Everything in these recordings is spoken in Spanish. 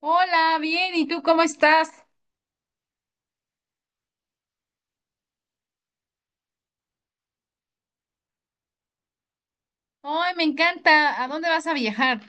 Hola, bien, ¿y tú cómo estás? Ay, me encanta. ¿A dónde vas a viajar?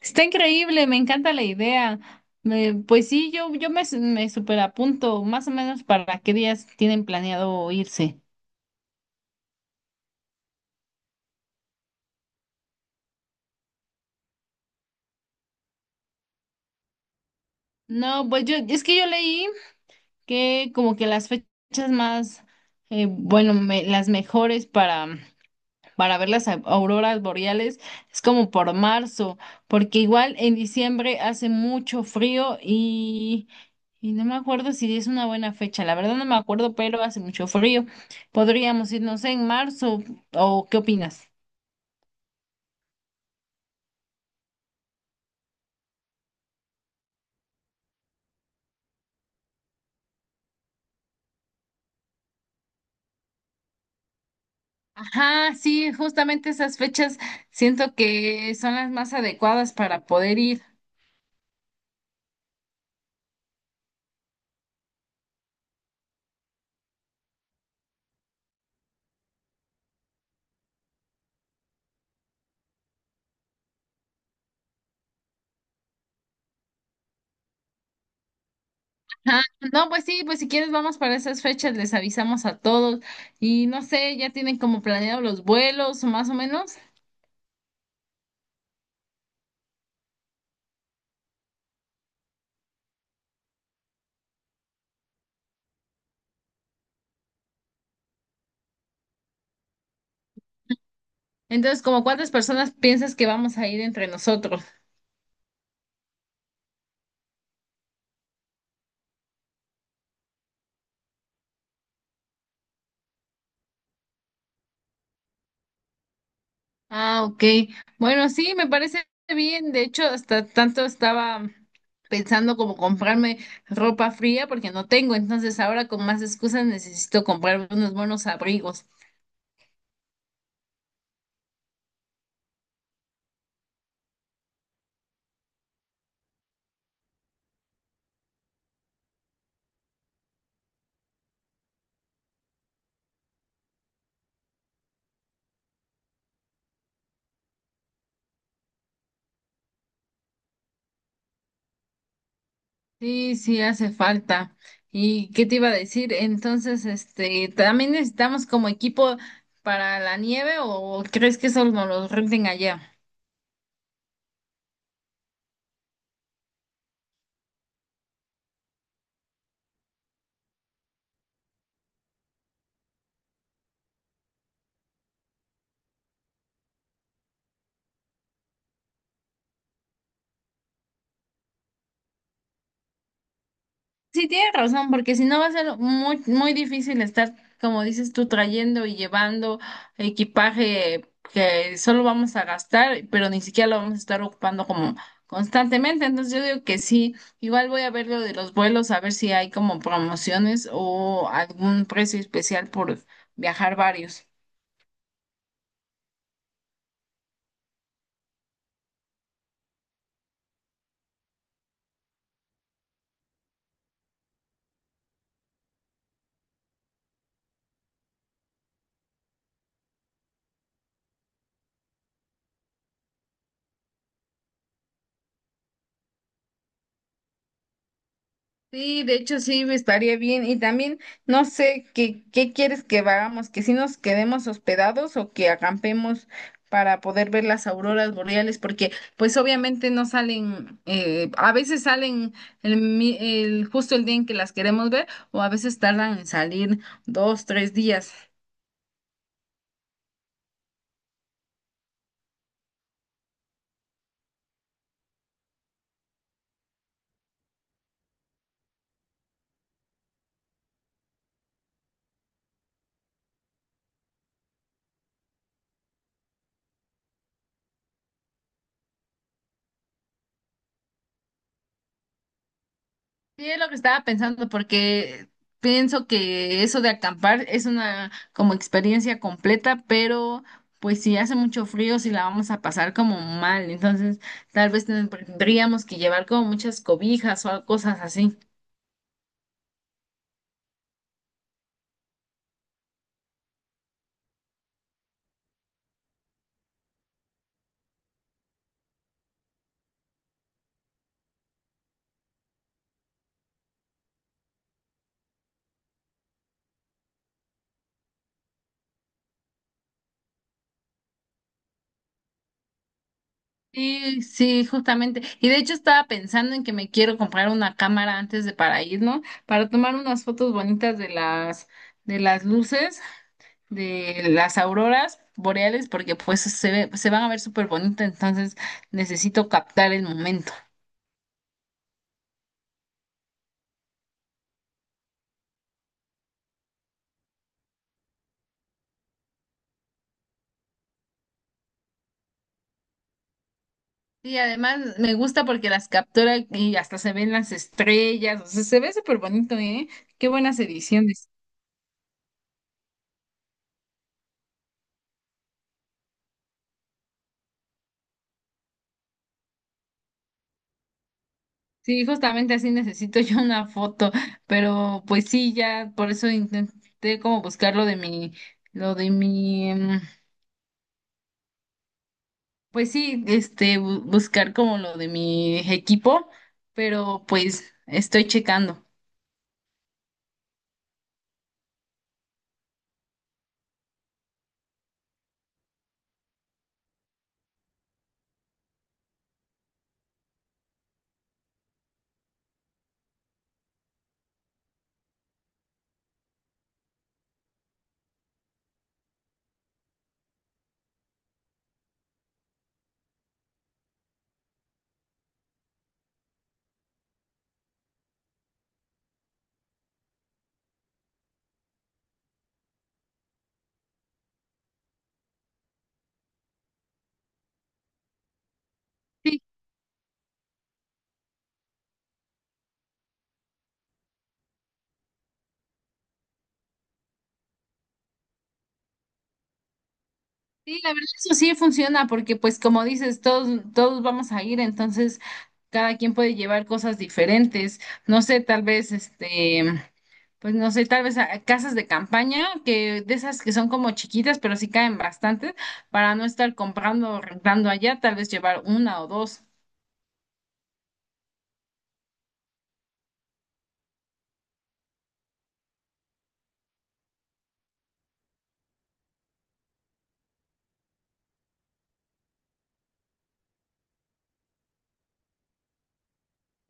Está increíble, me encanta la idea. Pues sí, yo me superapunto, más o menos para qué días tienen planeado irse. No, pues yo, es que yo leí que como que las bueno, las mejores para ver las auroras boreales es como por marzo, porque igual en diciembre hace mucho frío y no me acuerdo si es una buena fecha, la verdad no me acuerdo, pero hace mucho frío. Podríamos ir, no sé, en marzo o ¿qué opinas? Ajá, sí, justamente esas fechas siento que son las más adecuadas para poder ir. Ajá. No, pues sí, pues si quieres vamos para esas fechas, les avisamos a todos y no sé, ya tienen como planeado los vuelos o más o menos. Entonces, ¿como cuántas personas piensas que vamos a ir entre nosotros? Ah, ok. Bueno, sí, me parece bien. De hecho, hasta tanto estaba pensando como comprarme ropa fría porque no tengo. Entonces, ahora con más excusas necesito comprarme unos buenos abrigos. Sí, sí, hace falta. ¿Y qué te iba a decir? Entonces, este, ¿también necesitamos como equipo para la nieve o crees que solo nos los renten allá? Sí, tienes razón, porque si no va a ser muy difícil estar, como dices tú, trayendo y llevando equipaje que solo vamos a gastar, pero ni siquiera lo vamos a estar ocupando como constantemente. Entonces yo digo que sí, igual voy a ver lo de los vuelos, a ver si hay como promociones o algún precio especial por viajar varios. Sí, de hecho sí, estaría bien. Y también no sé qué quieres que hagamos, que si nos quedemos hospedados o que acampemos para poder ver las auroras boreales, porque pues obviamente no salen, a veces salen justo el día en que las queremos ver o a veces tardan en salir dos, tres días. Sí, es lo que estaba pensando, porque pienso que eso de acampar es una como experiencia completa, pero pues si hace mucho frío, si la vamos a pasar como mal, entonces tal vez tendríamos que llevar como muchas cobijas o cosas así. Sí, sí, justamente. Y de hecho estaba pensando en que me quiero comprar una cámara antes de para ir, ¿no? Para tomar unas fotos bonitas de de las luces, de las auroras boreales porque pues se van a ver súper bonitas, entonces necesito captar el momento. Y además me gusta porque las captura y hasta se ven las estrellas, o sea, se ve súper bonito, ¿eh? Qué buenas ediciones. Sí, justamente así necesito yo una foto, pero pues sí, ya por eso intenté como buscar lo de pues sí, este, buscar como lo de mi equipo, pero pues estoy checando. Sí. Sí, la verdad eso sí funciona porque pues como dices, todos vamos a ir, entonces cada quien puede llevar cosas diferentes. No sé, tal vez este, pues no sé, casas de campaña, que de esas que son como chiquitas, pero sí caen bastantes, para no estar comprando o rentando allá, tal vez llevar una o dos.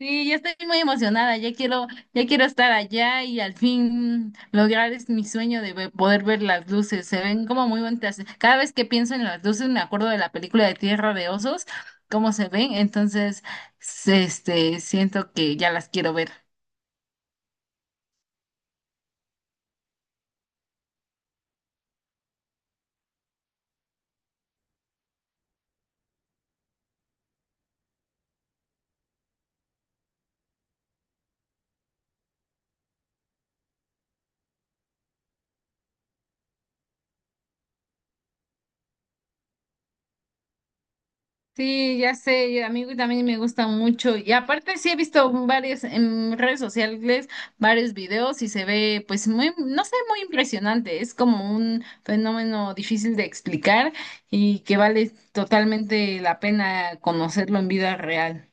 Sí, ya estoy muy emocionada, ya quiero estar allá y al fin lograr es mi sueño de poder ver las luces. Se ven como muy bonitas. Cada vez que pienso en las luces me acuerdo de la película de Tierra de Osos, cómo se ven, entonces este siento que ya las quiero ver. Sí, ya sé, y a mí también me gusta mucho. Y aparte sí he visto varios en redes sociales, varios videos y se ve pues muy, no sé, muy impresionante. Es como un fenómeno difícil de explicar y que vale totalmente la pena conocerlo en vida real.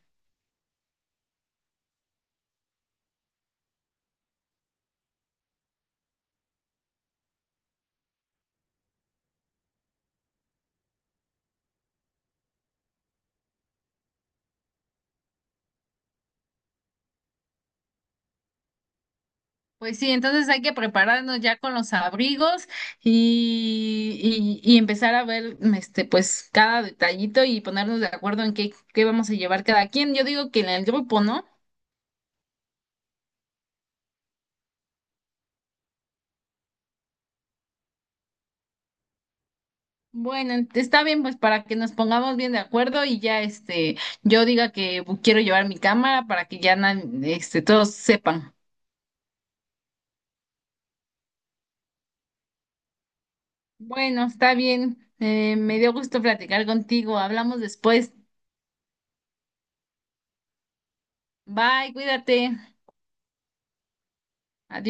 Pues sí, entonces hay que prepararnos ya con los abrigos y empezar a ver este pues cada detallito y ponernos de acuerdo en qué vamos a llevar cada quien. Yo digo que en el grupo, ¿no? Bueno, está bien, pues para que nos pongamos bien de acuerdo y ya este, yo diga que quiero llevar mi cámara para que ya este, todos sepan. Bueno, está bien. Me dio gusto platicar contigo. Hablamos después. Bye, cuídate. Adiós.